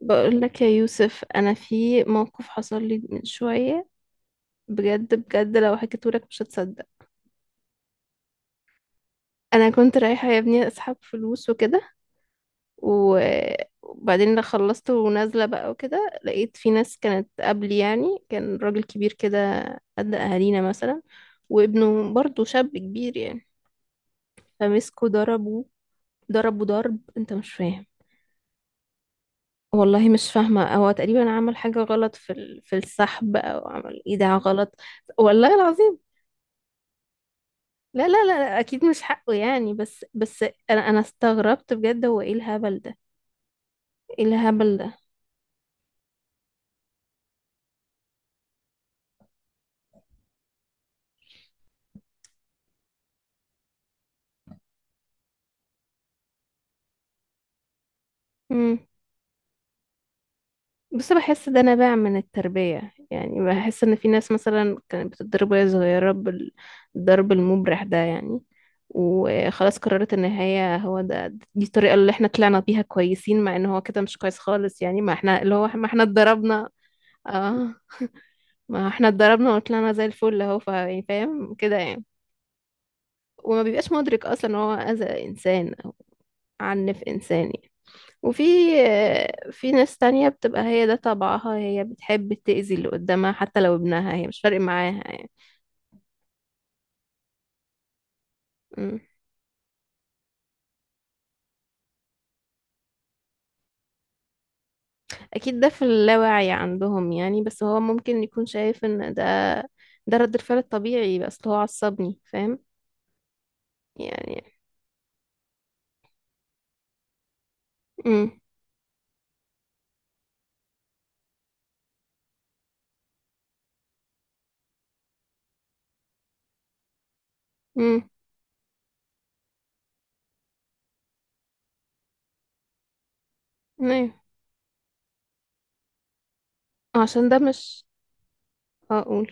بقول لك يا يوسف، انا في موقف حصل لي من شويه. بجد بجد لو حكيته لك مش هتصدق. انا كنت رايحه يا ابني اسحب فلوس وكده و- وبعدين لما خلصت ونازله بقى وكده لقيت في ناس كانت قبلي، يعني، كان راجل كبير كده قد اهالينا مثلا، وابنه برضه شاب كبير يعني. فمسكوا ضربوا، ضربوا ضرب انت مش فاهم. والله مش فاهمه، هو تقريبا عمل حاجه غلط في في السحب او عمل ايداع غلط. والله العظيم. لا لا لا اكيد مش حقه يعني، بس بس انا استغربت بجد، هو ايه الهبل ده؟ ايه الهبل ده؟ امم بس بحس ده نابع من التربية، يعني بحس ان في ناس مثلا كانت بتتضرب وهي صغيرة بالضرب المبرح ده يعني، وخلاص قررت ان هي هو ده. دي الطريقة اللي احنا طلعنا بيها كويسين، مع ان هو كده مش كويس خالص يعني. ما احنا اللي هو ما احنا اتضربنا. اه ما احنا اتضربنا وطلعنا زي الفل، اهو يعني فاهم كده يعني. وما بيبقاش مدرك اصلا ان هو اذى انسان، عنف إنسان يعني. وفي، في ناس تانية بتبقى هي ده طبعها، هي بتحب تأذي اللي قدامها حتى لو ابنها هي مش فارق معاها يعني. مم. أكيد ده في اللاوعي عندهم يعني، بس هو ممكن يكون شايف إن ده ده رد الفعل الطبيعي، بس هو عصبني فاهم يعني. مم. مم. أيوة. عشان ده مش أقول،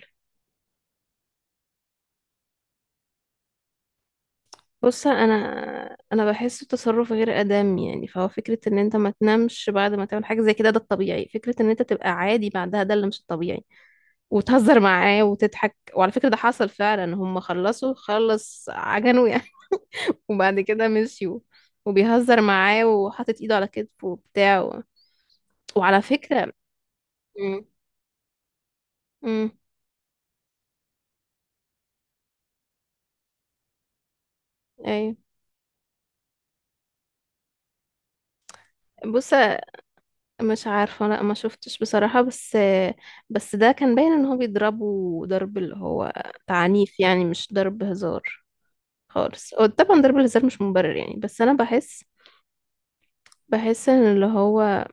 بص انا، انا بحس التصرف غير ادم يعني. فهو فكره ان انت ما تنامش بعد ما تعمل حاجه زي كده ده الطبيعي، فكره ان انت تبقى عادي بعدها ده اللي مش الطبيعي. وتهزر معاه وتضحك. وعلى فكره ده حصل فعلا، هم خلصوا خلص عجنوا يعني وبعد كده مشيوا، وبيهزر معاه وحاطط ايده على كتفه وبتاع. وعلى فكره. امم امم ايوه، بص مش عارفة، لا ما شفتش بصراحة، بس بس ده كان باين ان هو بيضربه ضرب اللي هو تعنيف يعني، مش ضرب هزار خالص. هو طبعا ضرب الهزار مش مبرر يعني، بس انا بحس، بحس ان اللي هو،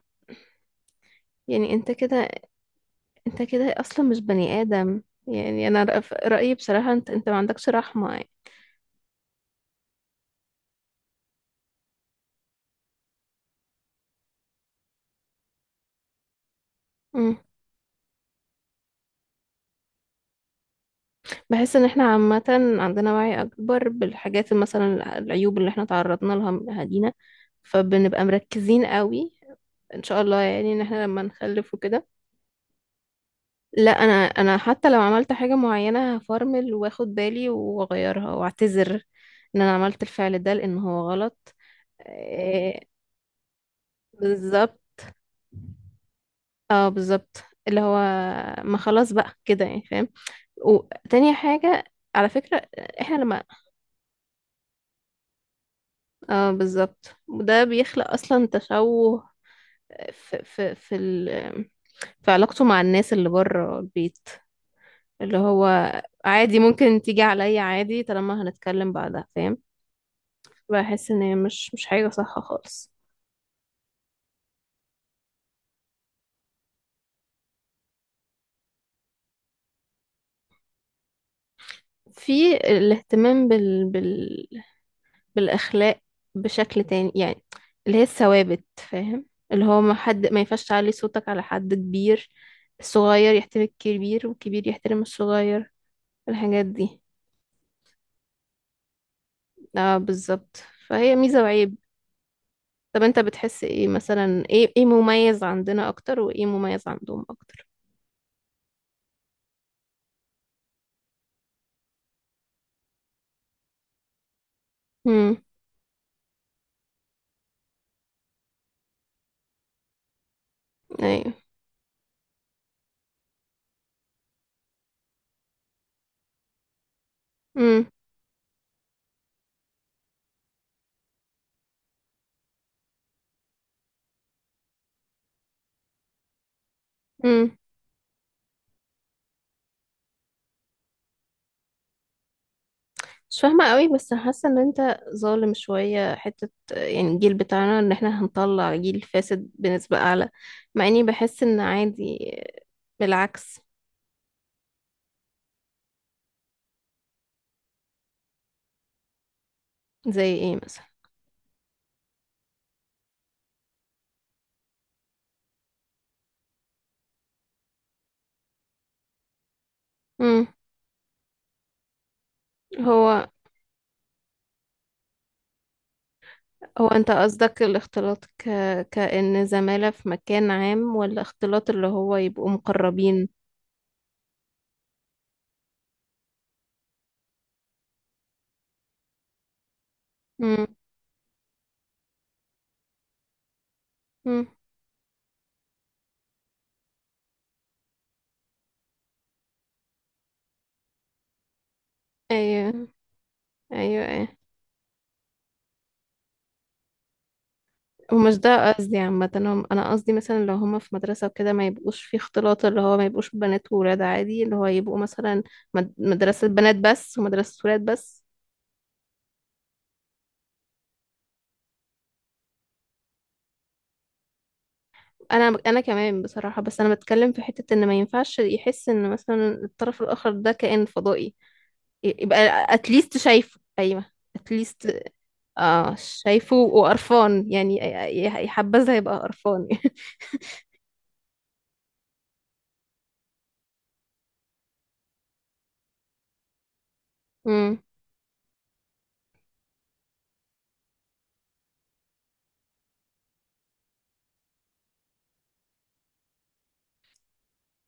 يعني انت كده، انت كده اصلا مش بني ادم يعني. انا رأيي بصراحة انت، انت ما عندكش رحمة يعني. مم. بحس ان احنا عامة عندنا وعي اكبر بالحاجات، مثلا العيوب اللي احنا تعرضنا لها من اهالينا، فبنبقى مركزين قوي ان شاء الله يعني، ان احنا لما نخلف وكده. لا انا، انا حتى لو عملت حاجة معينة هفرمل واخد بالي واغيرها واعتذر ان انا عملت الفعل ده لان هو غلط. إيه، بالظبط، اه بالظبط. اللي هو ما خلاص بقى كده يعني فاهم. وتاني حاجة، على فكرة، احنا لما، اه بالظبط، وده بيخلق اصلا تشوه في في علاقته مع الناس اللي بره البيت، اللي هو عادي ممكن تيجي عليا عادي طالما هنتكلم بعدها فاهم. بحس ان هي مش، مش حاجة صح خالص. في الاهتمام بال... بال... بالاخلاق بشكل تاني يعني، اللي هي الثوابت فاهم. اللي هو ما حد، ما ينفعش تعلي صوتك على حد كبير. الصغير يحترم الكبير والكبير يحترم الصغير، الحاجات دي. اه بالظبط، فهي ميزة وعيب. طب انت بتحس ايه، مثلا ايه، ايه مميز عندنا اكتر وايه مميز عندهم اكتر؟ امم ايوه، امم امم مش فاهمة قوي، بس حاسة ان انت ظالم شوية حتة يعني، الجيل بتاعنا ان احنا هنطلع جيل فاسد بنسبة اعلى، مع اني بحس ان عادي، بالعكس. زي ايه مثلا؟ امم هو هو انت قصدك الاختلاط كأن زمالة في مكان عام ولا اختلاط اللي هو يبقوا مقربين؟ امم امم ايوه، ايوه ايوه. ومش ده قصدي عامة، أنا قصدي مثلا لو هما في مدرسة وكده ما يبقوش في اختلاط، اللي هو ما يبقوش بنات وولاد عادي، اللي هو يبقوا مثلا مدرسة بنات بس ومدرسة ولاد بس. أنا، أنا كمان بصراحة، بس أنا بتكلم في حتة إن ما ينفعش يحس إن مثلا الطرف الآخر ده كائن فضائي. يبقى أتليست شايفه، أيوه أتليست. آه شايفه وقرفان يعني، يحبذها يبقى قرفان.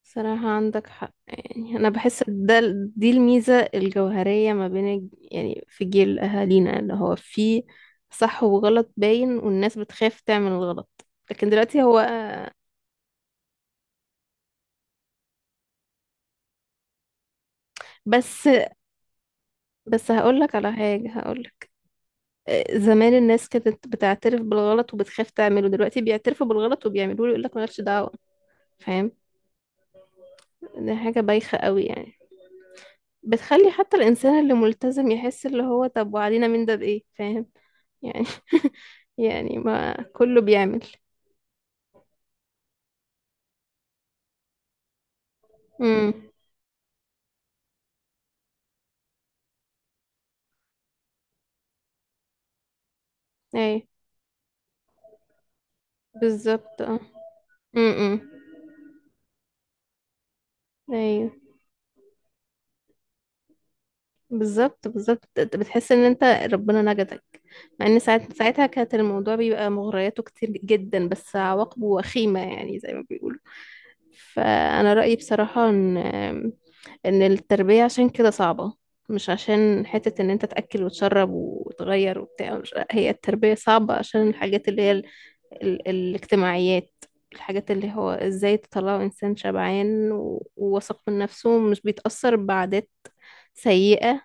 صراحة عندك حق يعني، أنا بحس ده دي الميزة الجوهرية ما بين يعني في جيل أهالينا اللي هو فيه صح وغلط باين، والناس بتخاف تعمل الغلط. لكن دلوقتي هو، بس بس هقولك على حاجة، هقولك، آه، زمان الناس كانت بتعترف بالغلط وبتخاف تعمله. دلوقتي بيعترفوا بالغلط وبيعملوه، يقولك مالكش دعوة، فاهم. دي حاجة بايخة قوي يعني، بتخلي حتى الإنسان اللي ملتزم يحس اللي هو طب وعلينا من ده بإيه، فاهم يعني. يعني ما كله بيعمل. امم ايوه بالظبط اه. امم ايوه، بالظبط بالظبط، بتحس ان انت ربنا نجدك، مع ان ساعتها كانت الموضوع بيبقى مغرياته كتير جدا، بس عواقبه وخيمة يعني زي ما بيقولوا. فانا رأيي بصراحة ان، ان التربية عشان كده صعبة، مش عشان حتة ان انت تأكل وتشرب وتغير وبتاع هي التربية صعبة عشان الحاجات اللي هي ال... ال... الاجتماعيات، الحاجات اللي هو ازاي تطلعوا انسان شبعان و، وواثق من نفسه ومش بيتأثر بعادات سيئة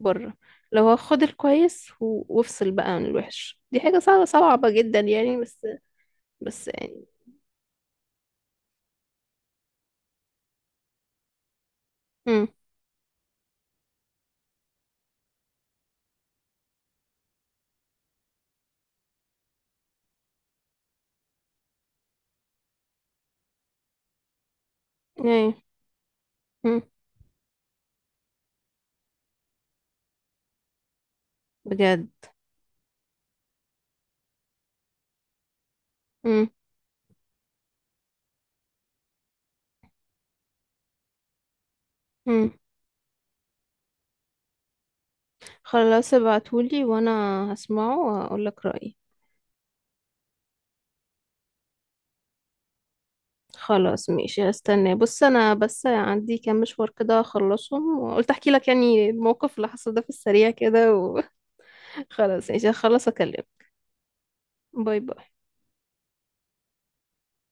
بره. لو هو خد الكويس و، وافصل بقى عن الوحش، دي حاجة صعبة صعبة جدا يعني. بس، بس يعني، امم ايه. امم بجد؟ امم خلاص ابعتولي وانا هسمعه واقولك رأيي. خلاص ماشي هستناه. بص انا بس عندي كام مشوار كده اخلصهم، وقلت احكي لك يعني الموقف اللي حصل ده في السريع كده، وخلاص ماشي هخلص اكلمك. باي باي.